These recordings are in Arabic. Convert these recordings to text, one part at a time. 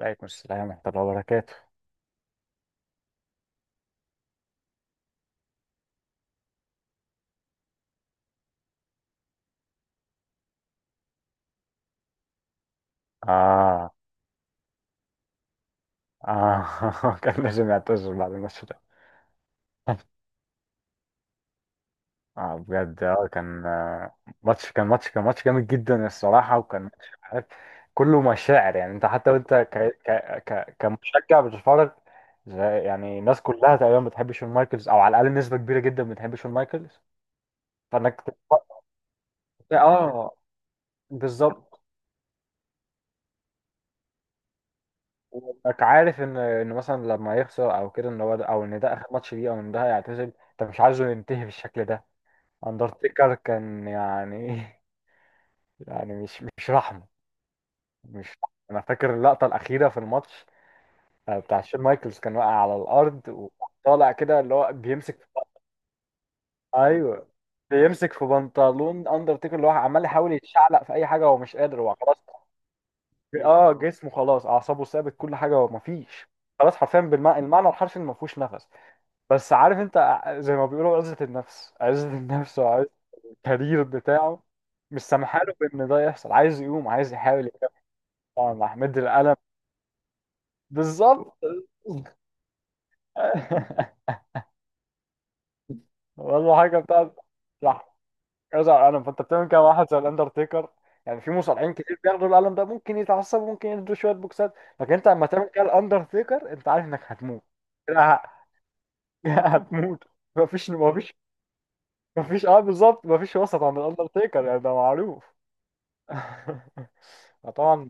عليكم السلام ورحمة الله وبركاته. آه، آه، كان لازم يعتذر بعد الماتش ده. آه بجد، آه كان، ماتش جامد جدا الصراحة، وكان ماتش عارف كله مشاعر. يعني أنت حتى وأنت ك... كمشجع بتتفرج. يعني الناس كلها تقريبا بتحب شون مايكلز، أو على الأقل نسبة كبيرة جدا بتحب شون مايكلز. فإنك تتفرج- آه بالظبط. وانك عارف ان مثلا لما يخسر او كده، ان هو ده، او ان ده اخر ماتش ليه، او ان ده هيعتزل، انت مش عايزه ينتهي بالشكل ده. اندرتيكر كان يعني يعني مش رحمه. مش رحمة. انا فاكر اللقطه الاخيره في الماتش، بتاع شون مايكلز كان واقع على الارض وطالع كده اللي هو بيمسك في. ايوه، بيمسك في بنطلون اندرتيكر، اللي هو عمال يحاول يتشعلق في اي حاجه، هو مش قادر، هو خلاص. اه جسمه خلاص، اعصابه ثابت، كل حاجه، هو مفيش. خلاص حرفيا، بالمعنى الحرفي ما فيهوش نفس. بس عارف انت زي ما بيقولوا، عزة النفس، عزة النفس، وعزة الكارير بتاعه مش سامحاله بان ده يحصل. عايز يقوم، عايز يحاول يكمل. طبعا راح مد القلم. بالظبط. والله حاجه بتاعت راح يرجع القلم. فانت بتعمل كده مع واحد زي الاندرتيكر؟ يعني في مصارعين كتير بياخدوا القلم ده، ممكن يتعصبوا، ممكن يدوا شويه بوكسات، لكن انت لما تعمل كده الاندرتيكر، انت عارف انك هتموت. كده ه- هتموت. مفيش. مفيش، اه بالظبط، مفيش وسط عند الاندرتيكر، يعني ده معروف. طبعا.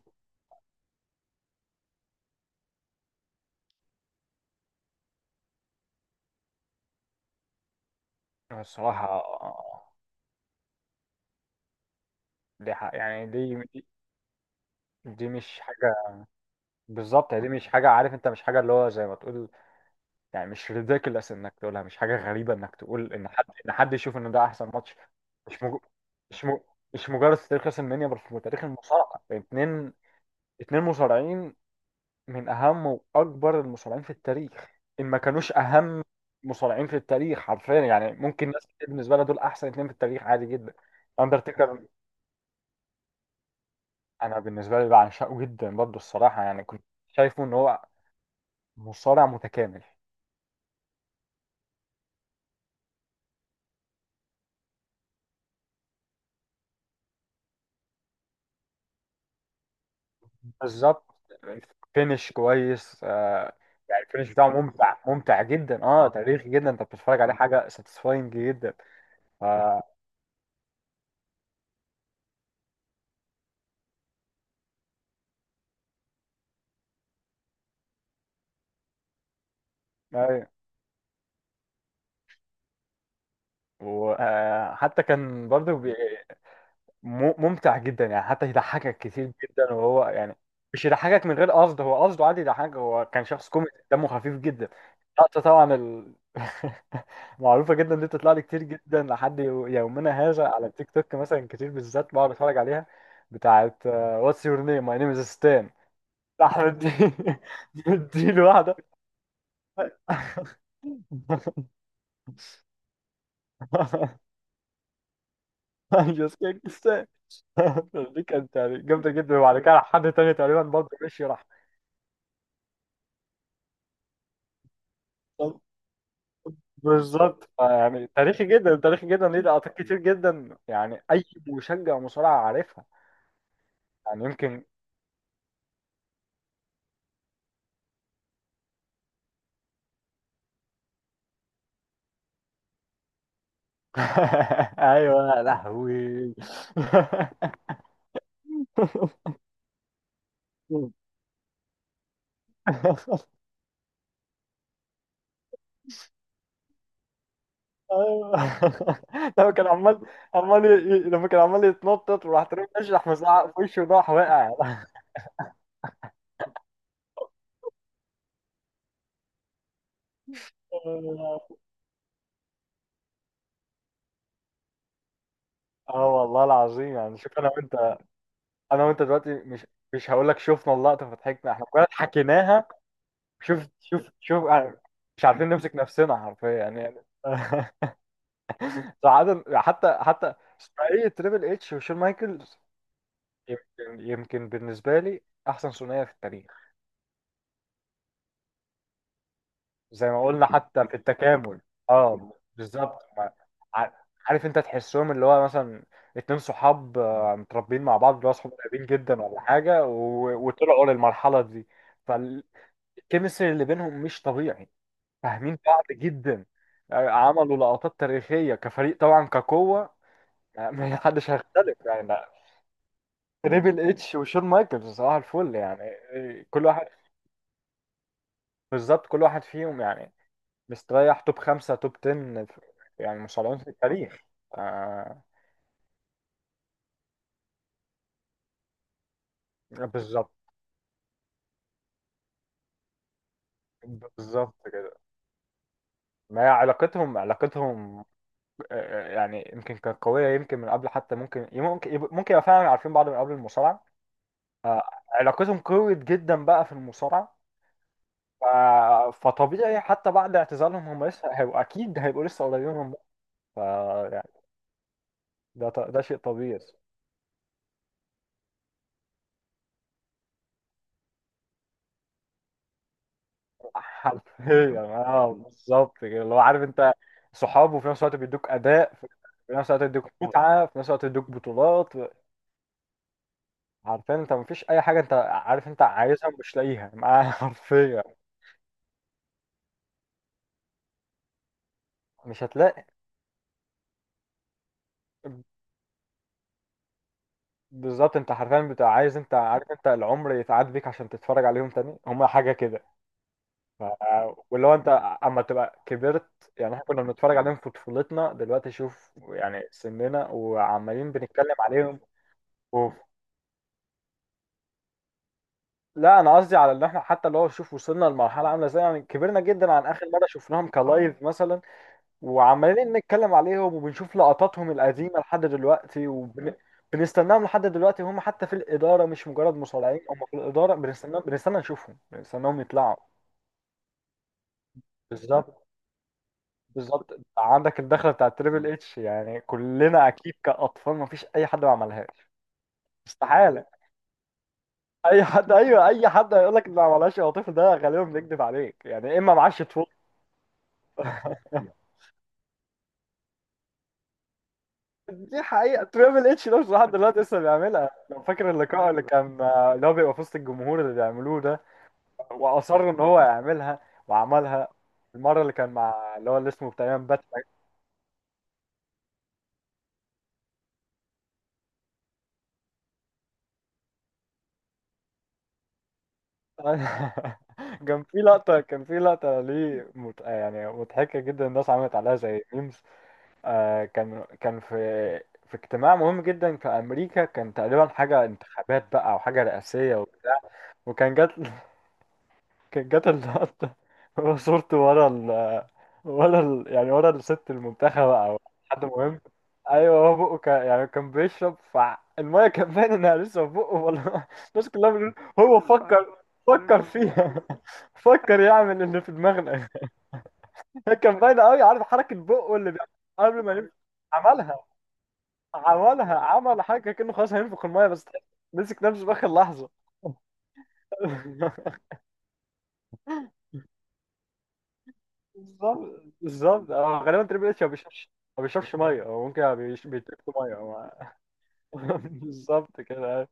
الصراحة آه، دي حق يعني، دي مش حاجة. بالظبط، يعني دي مش حاجة، عارف انت، مش حاجة اللي هو زي ما تقول، يعني مش ريديكولس انك تقولها، مش حاجة غريبة انك تقول ان حد، ان حد يشوف ان ده احسن ماتش. مش مج... مش م... مش مجرد في تاريخ راس المنيا، بل في تاريخ المصارعة. اتنين، اتنين مصارعين من اهم واكبر المصارعين في التاريخ. ان ما كانوش اهم مصارعين في التاريخ حرفيا، يعني ممكن ناس كتير بالنسبه لها دول احسن اتنين في التاريخ عادي جدا. اندرتيكر انا بالنسبه لي بعشقه جدا برضه الصراحه. يعني كنت شايفه ان هو مصارع متكامل. بالظبط، فينش كويس، آه. يعني الفينش بتاعه ممتع، ممتع جدا، اه تاريخي جدا، انت بتتفرج عليه حاجه ساتيسفاينج جدا. ف أيوة. وحتى كان برضه ممتع جدا، يعني حتى يضحكك كتير جدا. وهو يعني مش يضحكك من غير قصد، هو قصده عادي يضحكك، هو كان شخص كوميدي دمه خفيف جدا. اللقطة طبعا معروفة جدا، دي بتطلع لي كتير جدا لحد يومنا هذا، على التيك توك مثلا كتير بالذات بقعد اتفرج عليها. بتاعت آه، What's your name? My name is Stan. أحمد دي، مديله واحدة. I'm just kidding Stan. دي كانت يعني جامدة جدا، وبعد كده حد تاني تقريبا برضه مشي راح. بالظبط، يعني تاريخي جدا، تاريخي جدا. ليه لقطات كتير جدا، يعني اي مشجع مصارعة عارفها. يعني يمكن. ايوه يا لهوي. ايوه، لما كان عمال، عمال ي... لما كان عمال يتنطط، وراح ترمي اشرح مزعق في وشه وراح واقع. اه والله العظيم، يعني شوف انا وانت، انا وانت دلوقتي مش هقول لك شفنا اللقطه فضحكنا، احنا كنا حكيناها. شوف، شوف، شوف، آه، مش عارفين نمسك نفسنا حرفيا يعني. ساعات حتى، حتى ثنائية تريبل اتش وشون مايكلز، يمكن، يمكن بالنسبة لي أحسن ثنائية في التاريخ. زي ما قلنا، حتى في التكامل، اه بالظبط ع- عارف انت، تحسهم اللي هو مثلا اتنين صحاب، آه، متربيين مع بعض، اللي هو صحاب قريبين جدا ولا حاجة، وطلعوا للمرحلة دي. فالكيمستري اللي بينهم مش طبيعي، فاهمين بعض جدا. آه، عملوا لقطات تاريخية كفريق، طبعا كقوة، آه، ما حدش هيختلف يعني، لا. تريبل اتش وشون مايكلز صباح الفل يعني، آه، كل واحد. بالظبط كل واحد فيهم يعني مستريح توب خمسة، توب 10 يعني مصارعين في التاريخ. آه، بالظبط. بالظبط كده. ما هي علاقتهم، علاقتهم آه، آه، يعني يمكن كانت قوية يمكن من قبل حتى، ممكن يبقى فعلا عارفين بعض من قبل المصارعة. آه، علاقتهم قوية جدا بقى في المصارعة. ف... فطبيعي حتى بعد اعتزالهم، هم لسه هيبقوا، اكيد هيبقوا لسه قريبين من بعض. ف يعني ده شيء طبيعي. حرفيا اه بالظبط كده، اللي هو عارف انت صحاب، وفي نفس الوقت بيدوك اداء في، في نفس الوقت بيدوك متعه، في نفس الوقت بيدوك بطولات. عارفين انت، مفيش اي حاجه انت عارف انت عايزها مش لاقيها معاه. حرفيا مش هتلاقي. بالظبط، انت حرفيا بتبقى عايز، انت عارف انت العمر يتعاد بيك عشان تتفرج عليهم تاني. هم حاجه كده. ف- واللي هو انت اما تبقى كبرت، يعني احنا كنا بنتفرج عليهم في طفولتنا، دلوقتي شوف يعني سننا وعمالين بنتكلم عليهم. اوف. لا انا قصدي على ان احنا حتى اللي هو، شوف وصلنا لمرحله عامله ازاي، يعني كبرنا جدا عن اخر مره شفناهم كلايف مثلا، وعمالين نتكلم عليهم وبنشوف لقطاتهم القديمه لحد دلوقتي وبنستناهم لحد دلوقتي، هم حتى في الاداره مش مجرد مصارعين، هم في الاداره بنستناهم، بنستنى نشوفهم، بنستناهم يطلعوا. بالظبط. بالظبط عندك الدخله بتاعت تريبل اتش، يعني كلنا اكيد كاطفال ما فيش اي حد ما عملهاش. استحاله، اي حد، ايوه اي حد هيقول لك ما عملهاش يا طفل ده غالبا بيكذب عليك يعني، اما معاش طفل. دي حقيقه، تريبل اتش ده مش لحد دلوقتي لسه بيعملها؟ لو فاكر اللقاء اللي كان، اللي هو بيبقى في وسط الجمهور اللي بيعملوه ده، واصر ان هو يعملها وعملها. المره اللي كان مع اللي هو اللي اسمه بتاع ايام بات. كان في لقطة، كان في لقطة ليه مت... آه، يعني مضحكة جدا، الناس عملت عليها زي ميمز. آه كان، في اجتماع مهم جدا في أمريكا، كان تقريبا حاجة انتخابات بقى أو حاجة رئاسية وبتاع، وكان جات كانت جت اللقطة، هو صورته ورا ال، ورا ال، يعني ورا الست المنتخبة أو حد مهم. أيوه هو بقه كان يعني كان بيشرب فالمية، كان باين إنها لسه في بقه والله. الناس كلها بتقول هو فكر، فكر فيها. فكر يعمل اللي في دماغنا. كان باين أوي، عارف حركة بقه اللي بيعملها قبل ما ينفخ. عملها، عملها، عمل حركة كأنه خلاص هينفخ المية، بس مسك نفسه في آخر لحظة. بالظبط، بالظبط. هو غالبا تريبل اتش ما بيشربش، ما بيشربش ميه، هو ممكن ما بيش- بيتركه ميه بالظبط كده.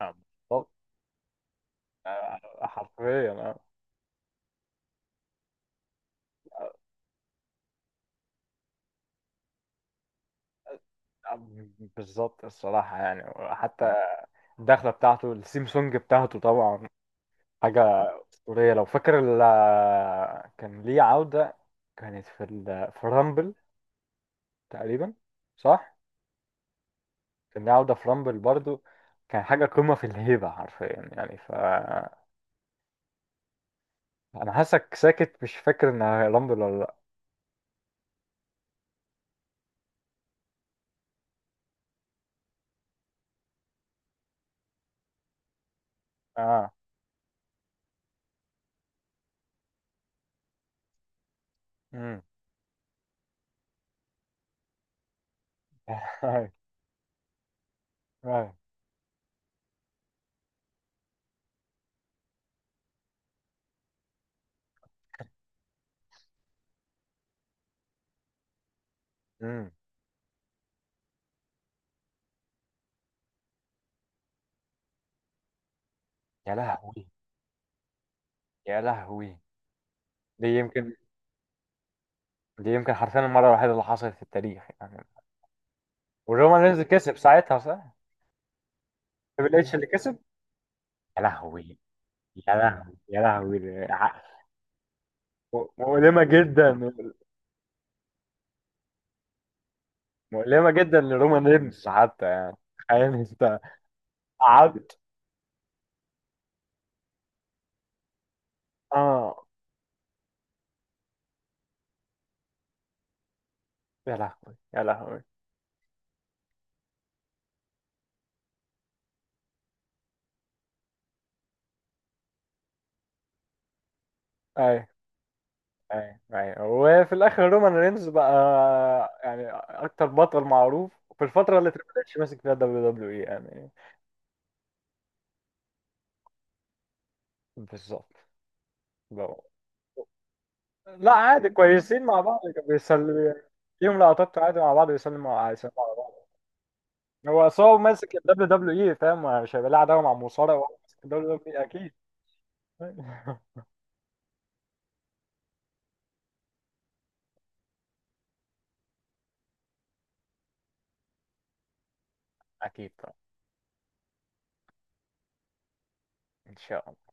آه، بالظبط. آه، حرفيا. آه. آه، بالظبط الصراحه يعني. حتى الدخله بتاعته، السيم سونج بتاعته طبعا، حاجه اسطوريه. لو فاكر كان ليه عوده، كانت في في رامبل تقريبا، صح؟ كان ليه عوده في رامبل برضو، كان حاجه قمه في الهيبه حرفيا يعني. انا حاسك ساكت، مش فاكر ان رامبل ولا لا. اه. امم. أيوة. امم. يا لهوي، يا لهوي. دي يمكن، دي يمكن حرفيا المره الوحيده اللي حصلت في التاريخ يعني. والرومان رينز كسب ساعتها، صح؟ تريبل اتش اللي كسب. يا لهوي، يا لهوي، يا لهوي، مؤلمه جدا، مؤلمه جدا لرومان رينز حتى. يعني تخيل انت، قعدت. اه. يا لهوي، يا لهوي. ايوه، ايوه، ايوه. وفي الاخر رومان رينز بقى يعني اكتر بطل معروف في الفتره اللي تريبل اتش ماسك فيها دبليو دبليو اي يعني. بالظبط. بقى. لا عادي، كويسين مع بعض، كانوا بيسلموا. ليهم لقطات عادي مع بعض، بيسلموا على، بيسلموا على بعض. هو أصل هو ماسك الدبليو دبليو اي، فاهم مش هيبقى له عداوه مع مصارع وهو ماسك الدبليو دبليو اي، اكيد. اكيد طبعا. ان شاء الله.